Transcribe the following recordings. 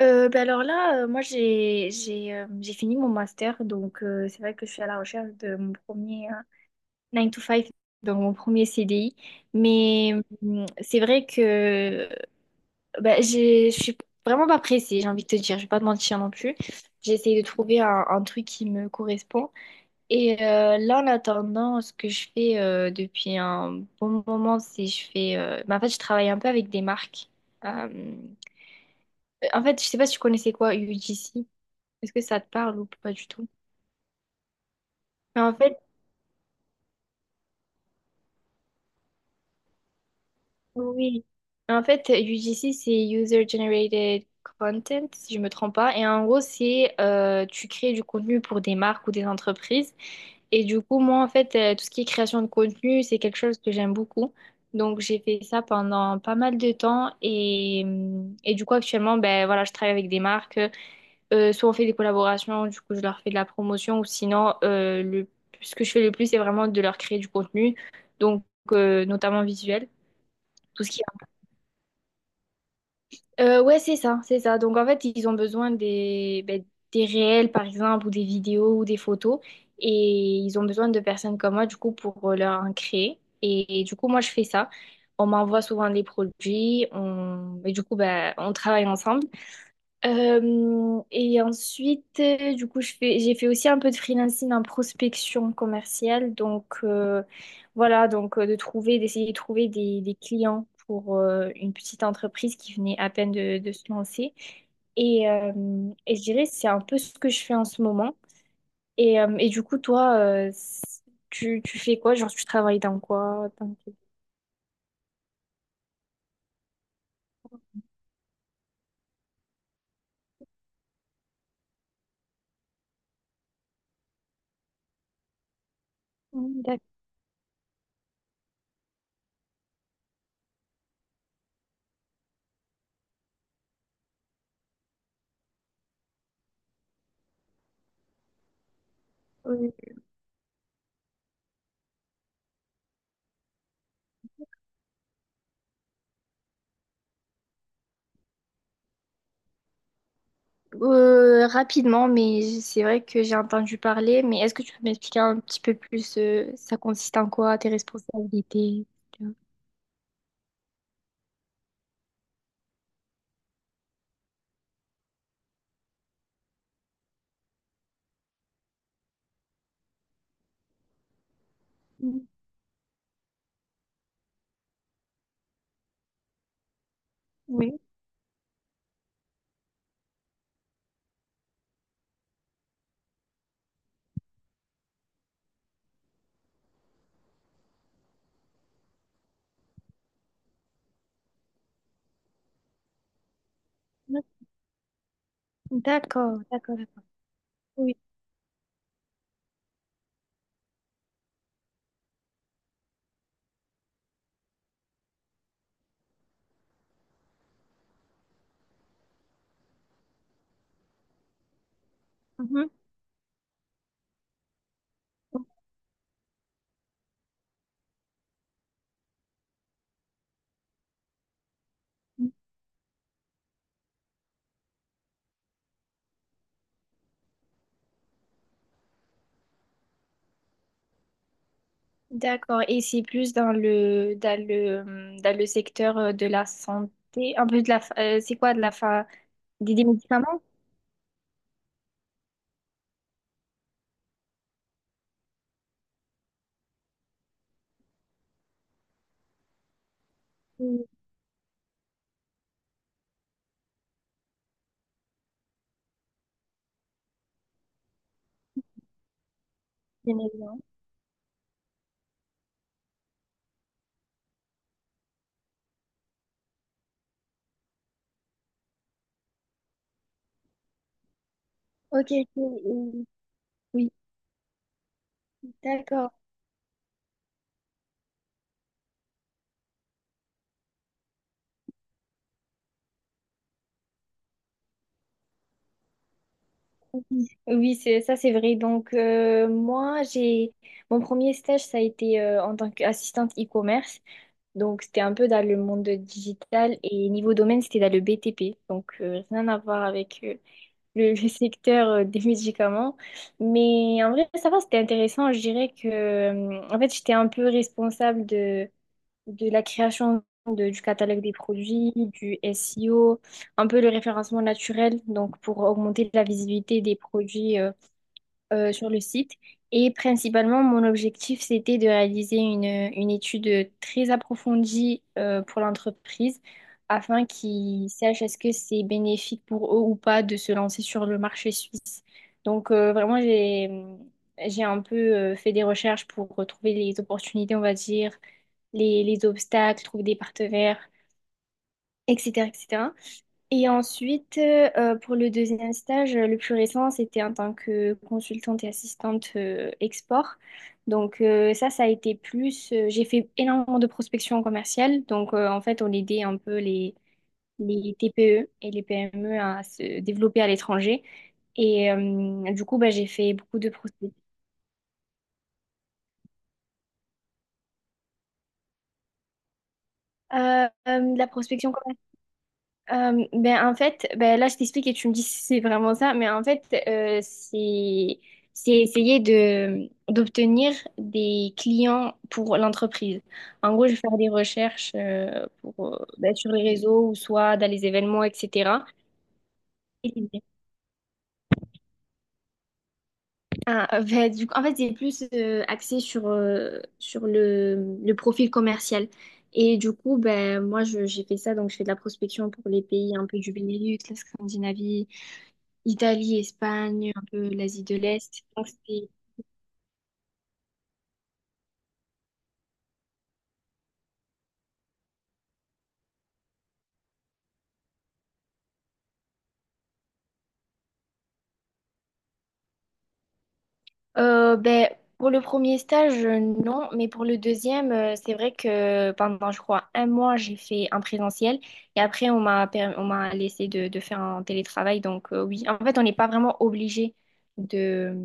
Ben alors là, moi j'ai j'ai fini mon master, donc c'est vrai que je suis à la recherche de mon premier 9 to five, donc mon premier CDI. Mais c'est vrai que ben, je suis vraiment pas pressée, j'ai envie de te dire, je vais pas te mentir non plus. J'ai essayé de trouver un truc qui me correspond. Et là, en attendant, ce que je fais depuis un bon moment, c'est ben, en fait, je travaille un peu avec des marques. Euh, En fait, je sais pas si tu connaissais, quoi, UGC. Est-ce que ça te parle ou pas du tout? Mais en fait, oui. En fait, UGC, c'est User Generated Content, si je me trompe pas. Et en gros, c'est tu crées du contenu pour des marques ou des entreprises. Et du coup, moi, en fait, tout ce qui est création de contenu, c'est quelque chose que j'aime beaucoup. Donc, j'ai fait ça pendant pas mal de temps. Et du coup, actuellement, ben, voilà, je travaille avec des marques. Soit on fait des collaborations, du coup je leur fais de la promotion, ou sinon, ce que je fais le plus, c'est vraiment de leur créer du contenu, donc notamment visuel, tout ce qui est... Ouais, c'est ça, c'est ça. Donc en fait ils ont besoin ben, des réels par exemple, ou des vidéos, ou des photos, et ils ont besoin de personnes comme moi du coup pour leur en créer. Et du coup moi je fais ça. On m'envoie souvent des produits, et du coup ben, on travaille ensemble. Et ensuite, du coup, j'ai fait aussi un peu de freelancing en prospection commerciale. Donc, voilà, donc d'essayer de trouver des clients pour une petite entreprise qui venait à peine de se lancer. Et, euh, et je dirais, c'est un peu ce que je fais en ce moment. Et du coup, toi, tu fais quoi? Genre, tu travailles dans quoi? Dans quel- Mm. D'accord. Rapidement, mais c'est vrai que j'ai entendu parler. Mais est-ce que tu peux m'expliquer un petit peu plus, ça consiste en quoi, tes responsabilités? Tu vois. Mm. Oui, d'accord, d'accord, d'accord. Oui. Mhm. D'accord. Et c'est plus dans le, dans le secteur, de la santé, un peu c'est quoi, des médicaments? Oui, bien évidemment. Ok, ok, oui, oui, d'accord. Oui, c'est ça, c'est vrai. Donc, moi, j'ai, mon premier stage, ça a été en tant qu'assistante e-commerce. Donc, c'était un peu dans le monde digital et niveau domaine, c'était dans le BTP. Donc, rien à voir avec le, le secteur des médicaments. Mais en vrai, ça va, c'était intéressant. Je dirais que, en fait, j'étais un peu responsable de la création du catalogue des produits, du SEO, un peu le référencement naturel, donc pour augmenter la visibilité des produits sur le site. Et principalement, mon objectif, c'était de réaliser une étude très approfondie pour l'entreprise, afin qu'ils sachent est-ce que c'est bénéfique pour eux ou pas de se lancer sur le marché suisse. Donc, vraiment, j'ai un peu fait des recherches pour retrouver les opportunités, on va dire, les obstacles, trouver des partenaires, etc., etc. Et ensuite, pour le deuxième stage, le plus récent, c'était en tant que consultante et assistante export. Donc ça, ça a été plus... J'ai fait énormément de prospection commerciale. Donc en fait, on aidait un peu les TPE et les PME à se développer à l'étranger. Et du coup, bah, j'ai fait beaucoup de prospection. De la prospection commerciale. Ben en fait, ben là je t'explique et tu me dis si c'est vraiment ça, mais en fait c'est essayer de d'obtenir des clients pour l'entreprise. En gros, je vais faire des recherches pour, ben, sur les réseaux ou soit dans les événements, etc. Ah, ben, du coup, en fait, c'est plus axé sur, sur le profil commercial. Et du coup, ben, moi, j'ai fait ça, donc je fais de la prospection pour les pays un peu du Benelux, la Scandinavie, Italie, Espagne, un peu l'Asie de l'Est. Donc, c'était- Ben, pour le premier stage, non, mais pour le deuxième, c'est vrai que pendant, je crois, un mois, j'ai fait un présentiel, et après, on m'a laissé de faire un télétravail. Donc, oui, en fait, on n'est pas vraiment obligé de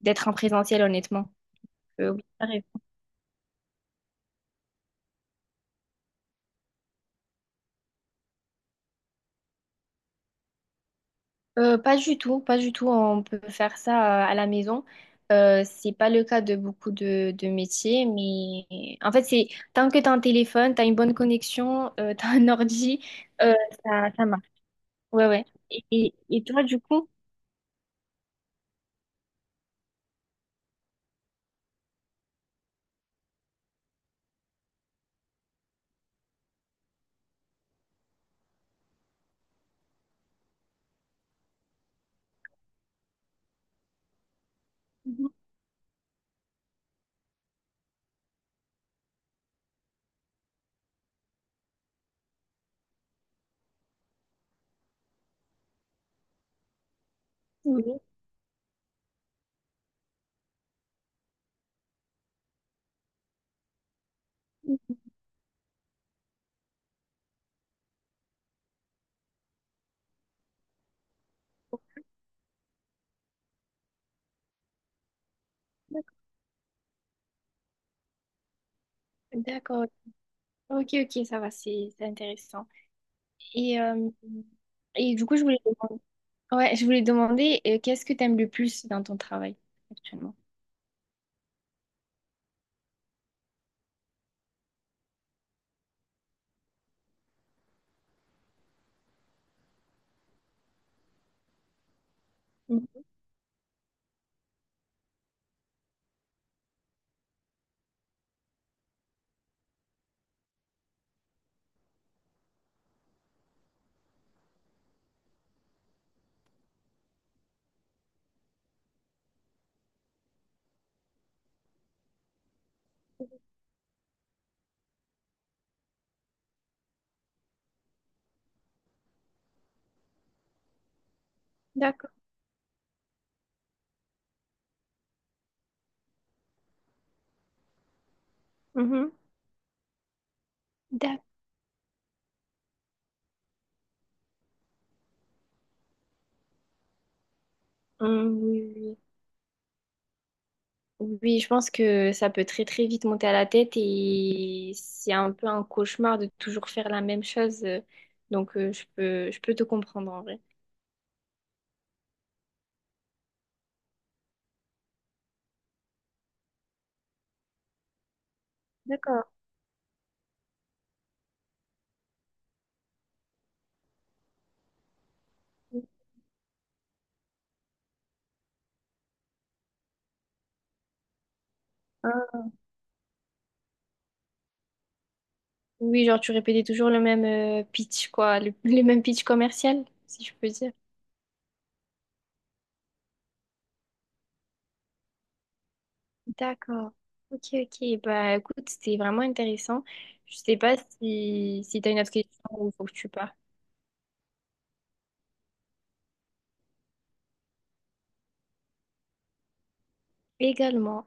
d'être en présentiel, honnêtement. Euh, oui. Pas du tout, pas du tout. On peut faire ça à la maison. C'est pas le cas de beaucoup de métiers, mais en fait, c'est tant que t'as un téléphone, t'as une bonne connexion, t'as un ordi, euh, ça, ça marche. Ouais, ouais. Et toi, du coup? Mhm. Oui. D'accord. Ok, ok, ça va, c'est intéressant. Et, euh, et du coup, ouais, je voulais demander qu'est-ce que t'aimes le plus dans ton travail actuellement? Mhm. D'accord. Mhm. D'accord. Oui, oui. Oui, oui, je pense que ça peut très très vite monter à la tête et c'est un peu un cauchemar de toujours faire la même chose. Donc je peux te comprendre en vrai. D'accord. Ah, oui, genre tu répétais toujours le même pitch, quoi, le même pitch commercial, si je peux dire. D'accord. Ok, ok. Bah écoute, c'était vraiment intéressant. Je sais pas si t'as une autre question ou faut que tu partes. Également.